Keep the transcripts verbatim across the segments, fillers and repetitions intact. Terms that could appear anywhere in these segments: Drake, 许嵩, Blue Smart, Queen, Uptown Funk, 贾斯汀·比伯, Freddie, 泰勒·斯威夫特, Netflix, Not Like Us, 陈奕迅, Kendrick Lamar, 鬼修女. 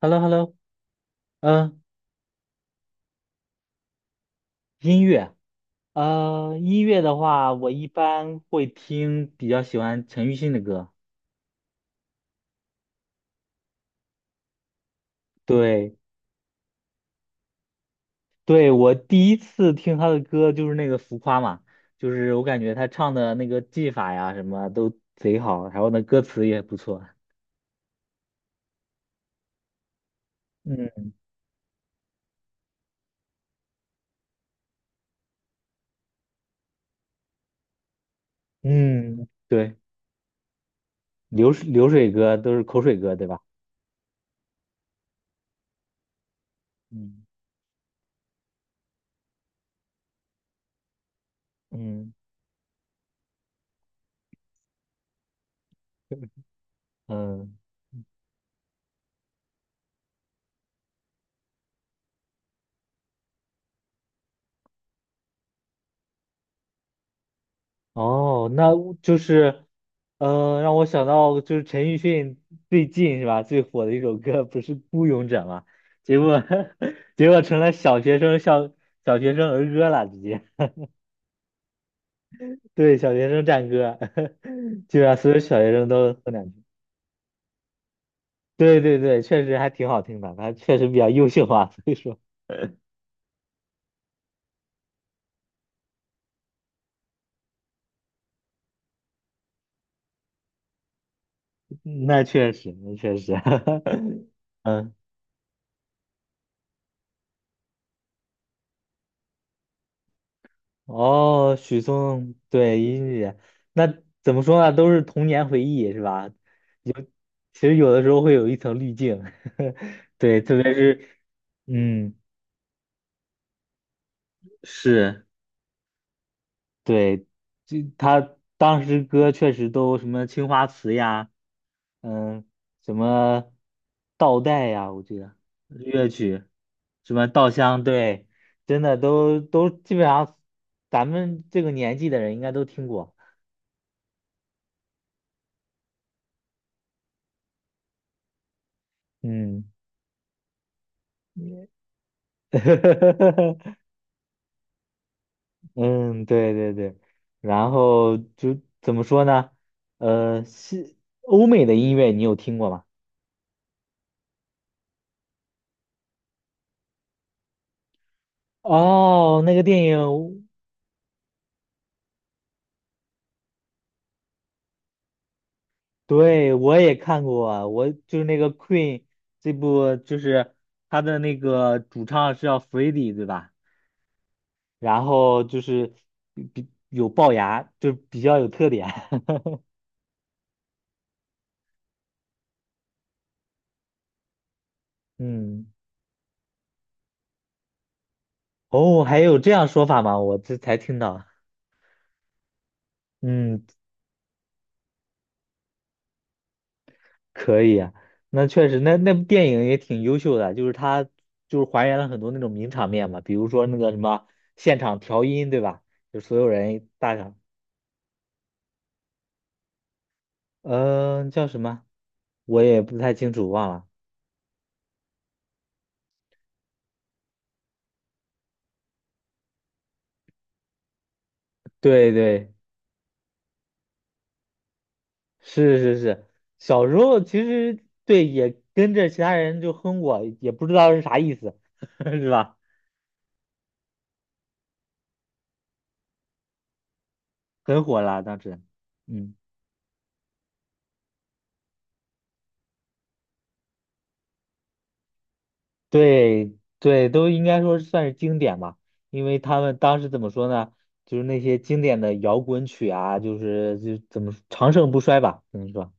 h e l l o h e l l o 嗯，音乐，呃，音乐的话，我一般会听，比较喜欢陈奕迅的歌。对，对，我第一次听他的歌就是那个《浮夸》嘛，就是我感觉他唱的那个技法呀，什么都贼好，然后呢，歌词也不错。嗯嗯，对，流水流水歌都是口水歌，对吧？嗯嗯嗯。哦，那就是，呃，让我想到就是陈奕迅最近是吧，最火的一首歌不是《孤勇者》吗？结果 结果成了小学生小小学生儿歌了，直接对小学生战歌，就让所有小学生都都难听。对对对，确实还挺好听的，他确实比较优秀啊，所以说 那确实那确实，嗯。哦，许嵩，对，音乐，那怎么说呢？都是童年回忆，是吧？其实有的时候会有一层滤镜，对，特别是，嗯，是，对，就他当时歌确实都什么青花瓷呀，嗯，什么倒带呀，我记得日乐曲，什么稻香，对，真的都都基本上，咱们这个年纪的人应该都听过，嗯。嗯，对对对，然后就怎么说呢？呃，西欧美的音乐你有听过吗？哦，那个电影，对，我也看过啊，我就是那个 Queen 这部，就是他的那个主唱是叫 Freddie 对吧？然后就是比比有龅牙，就比较有特点。嗯，哦，还有这样说法吗？我这才听到。嗯，可以啊，那确实，那那部电影也挺优秀的，就是它就是还原了很多那种名场面嘛，比如说那个什么现场调音，对吧？就所有人大场，嗯、叫什么？我也不太清楚，忘了。对对，是是是，小时候其实对也跟着其他人就哼过，也不知道是啥意思，是吧？很火了当时，嗯。对对，都应该说算是经典吧，因为他们当时怎么说呢？就是那些经典的摇滚曲啊，就是就怎么说长盛不衰吧，怎么说？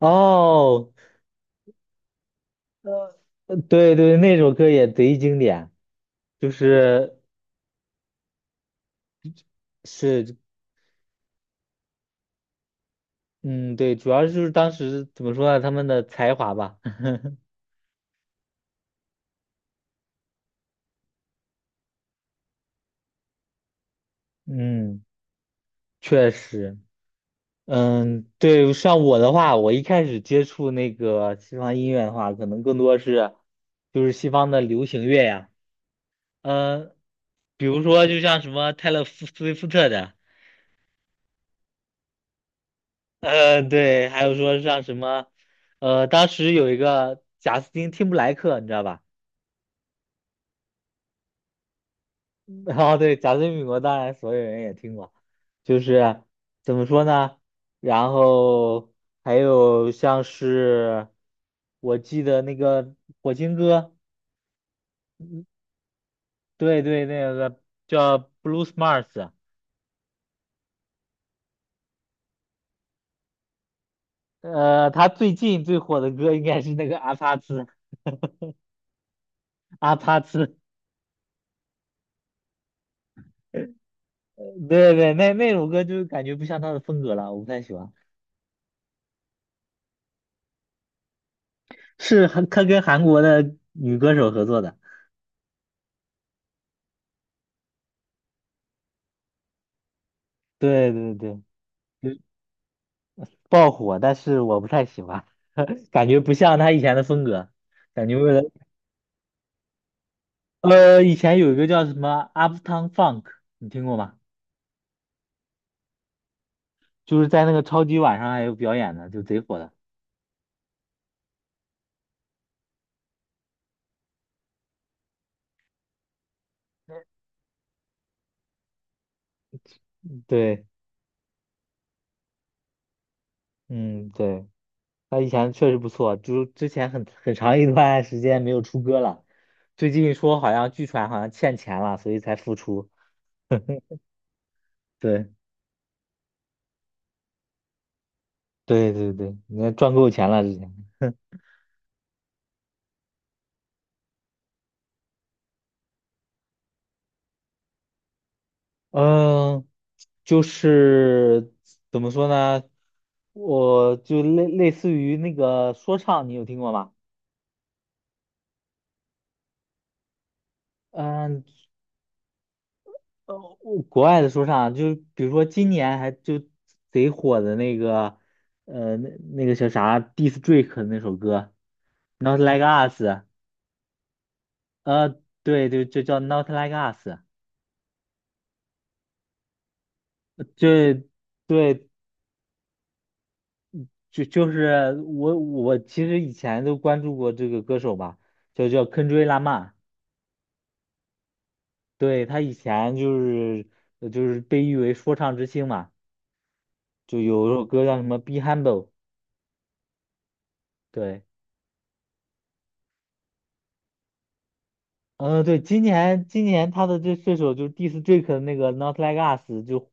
哦 呃呃对对，那首歌也贼经典，就是是，嗯，对，主要就是当时怎么说呢？他们的才华吧，嗯，确实。嗯，对，像我的话，我一开始接触那个西方音乐的话，可能更多是就是西方的流行乐呀，嗯，比如说就像什么泰勒·斯威夫特的，嗯，对，还有说像什么，呃，当时有一个贾斯汀汀布莱克，你知道吧？然后对，贾斯汀·比伯当然所有人也听过，就是怎么说呢？然后还有像是我记得那个《火星哥》。对对，那个叫 Blue Smart，呃，他最近最火的歌应该是那个阿帕茨，阿帕茨，对对，那那首歌就感觉不像他的风格了，我不太喜欢。是韩，他跟韩国的女歌手合作的，对对对，就爆火，但是我不太喜欢，感觉不像他以前的风格，感觉为了，呃，以前有一个叫什么 Uptown Funk，你听过吗？就是在那个超级晚上还有表演的，就贼火的。对，嗯，对。他以前确实不错，就之前很很长一段时间没有出歌了，最近说好像据传好像欠钱了，所以才复出。对对对对，你看赚够钱了之前。嗯，就是怎么说呢，我就类类似于那个说唱，你有听过吗？嗯，呃，我国外的说唱，就比如说今年还就贼火的那个，呃，那那个叫啥 d i s t Drake 的那首歌，Not Like Us，呃，对对，就叫 Not Like Us，这对就就是我我其实以前都关注过这个歌手吧，就叫 k e n d r i Lamar，对他以前就是呃就是被誉为说唱之星嘛，就有首歌叫什么《Be Humble》，对。嗯，对，今年今年他的这这首就是 Diss Drake 的那个 Not Like Us，就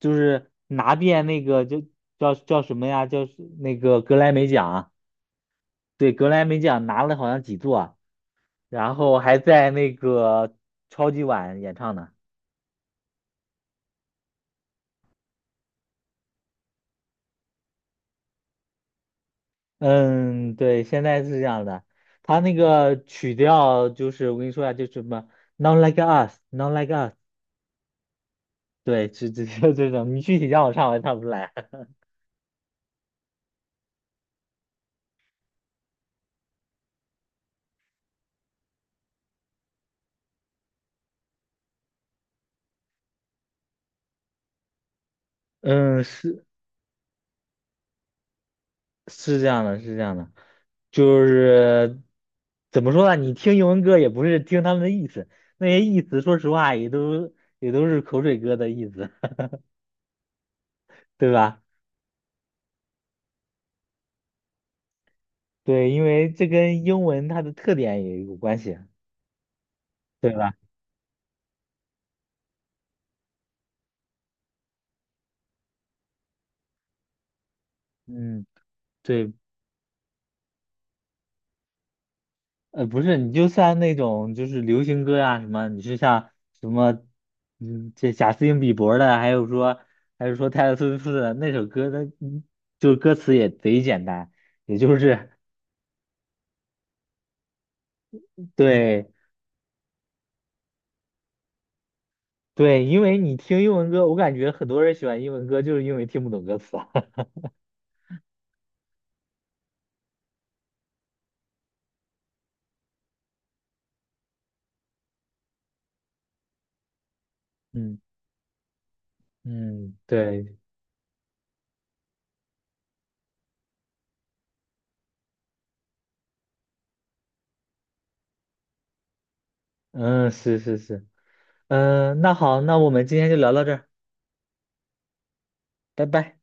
就是拿遍那个就叫叫什么呀？叫是那个格莱美奖啊，对，格莱美奖拿了好像几座，然后还在那个超级碗演唱呢。嗯，对，现在是这样的，他那个曲调就是我跟你说呀、就什么 Not Like Us，Not Like Us，对，就就就这种，你具体叫我唱我也唱不出来。嗯，是是这样的，是这样的，就是怎么说呢？你听英文歌也不是听他们的意思，那些意思说实话也都也都是口水歌的意思，对吧？对，因为这跟英文它的特点也有关系，对吧？嗯，对，呃，不是，你就算那种就是流行歌啊什么，你是像什么，嗯，这贾斯汀比伯的，还有说还是说泰勒斯威夫特的那首歌的，那嗯就是歌词也贼简单，也就是 对。对，因为你听英文歌，我感觉很多人喜欢英文歌，就是因为听不懂歌词啊。嗯嗯，对，嗯，是是是，嗯，那好，那我们今天就聊到这儿，拜拜。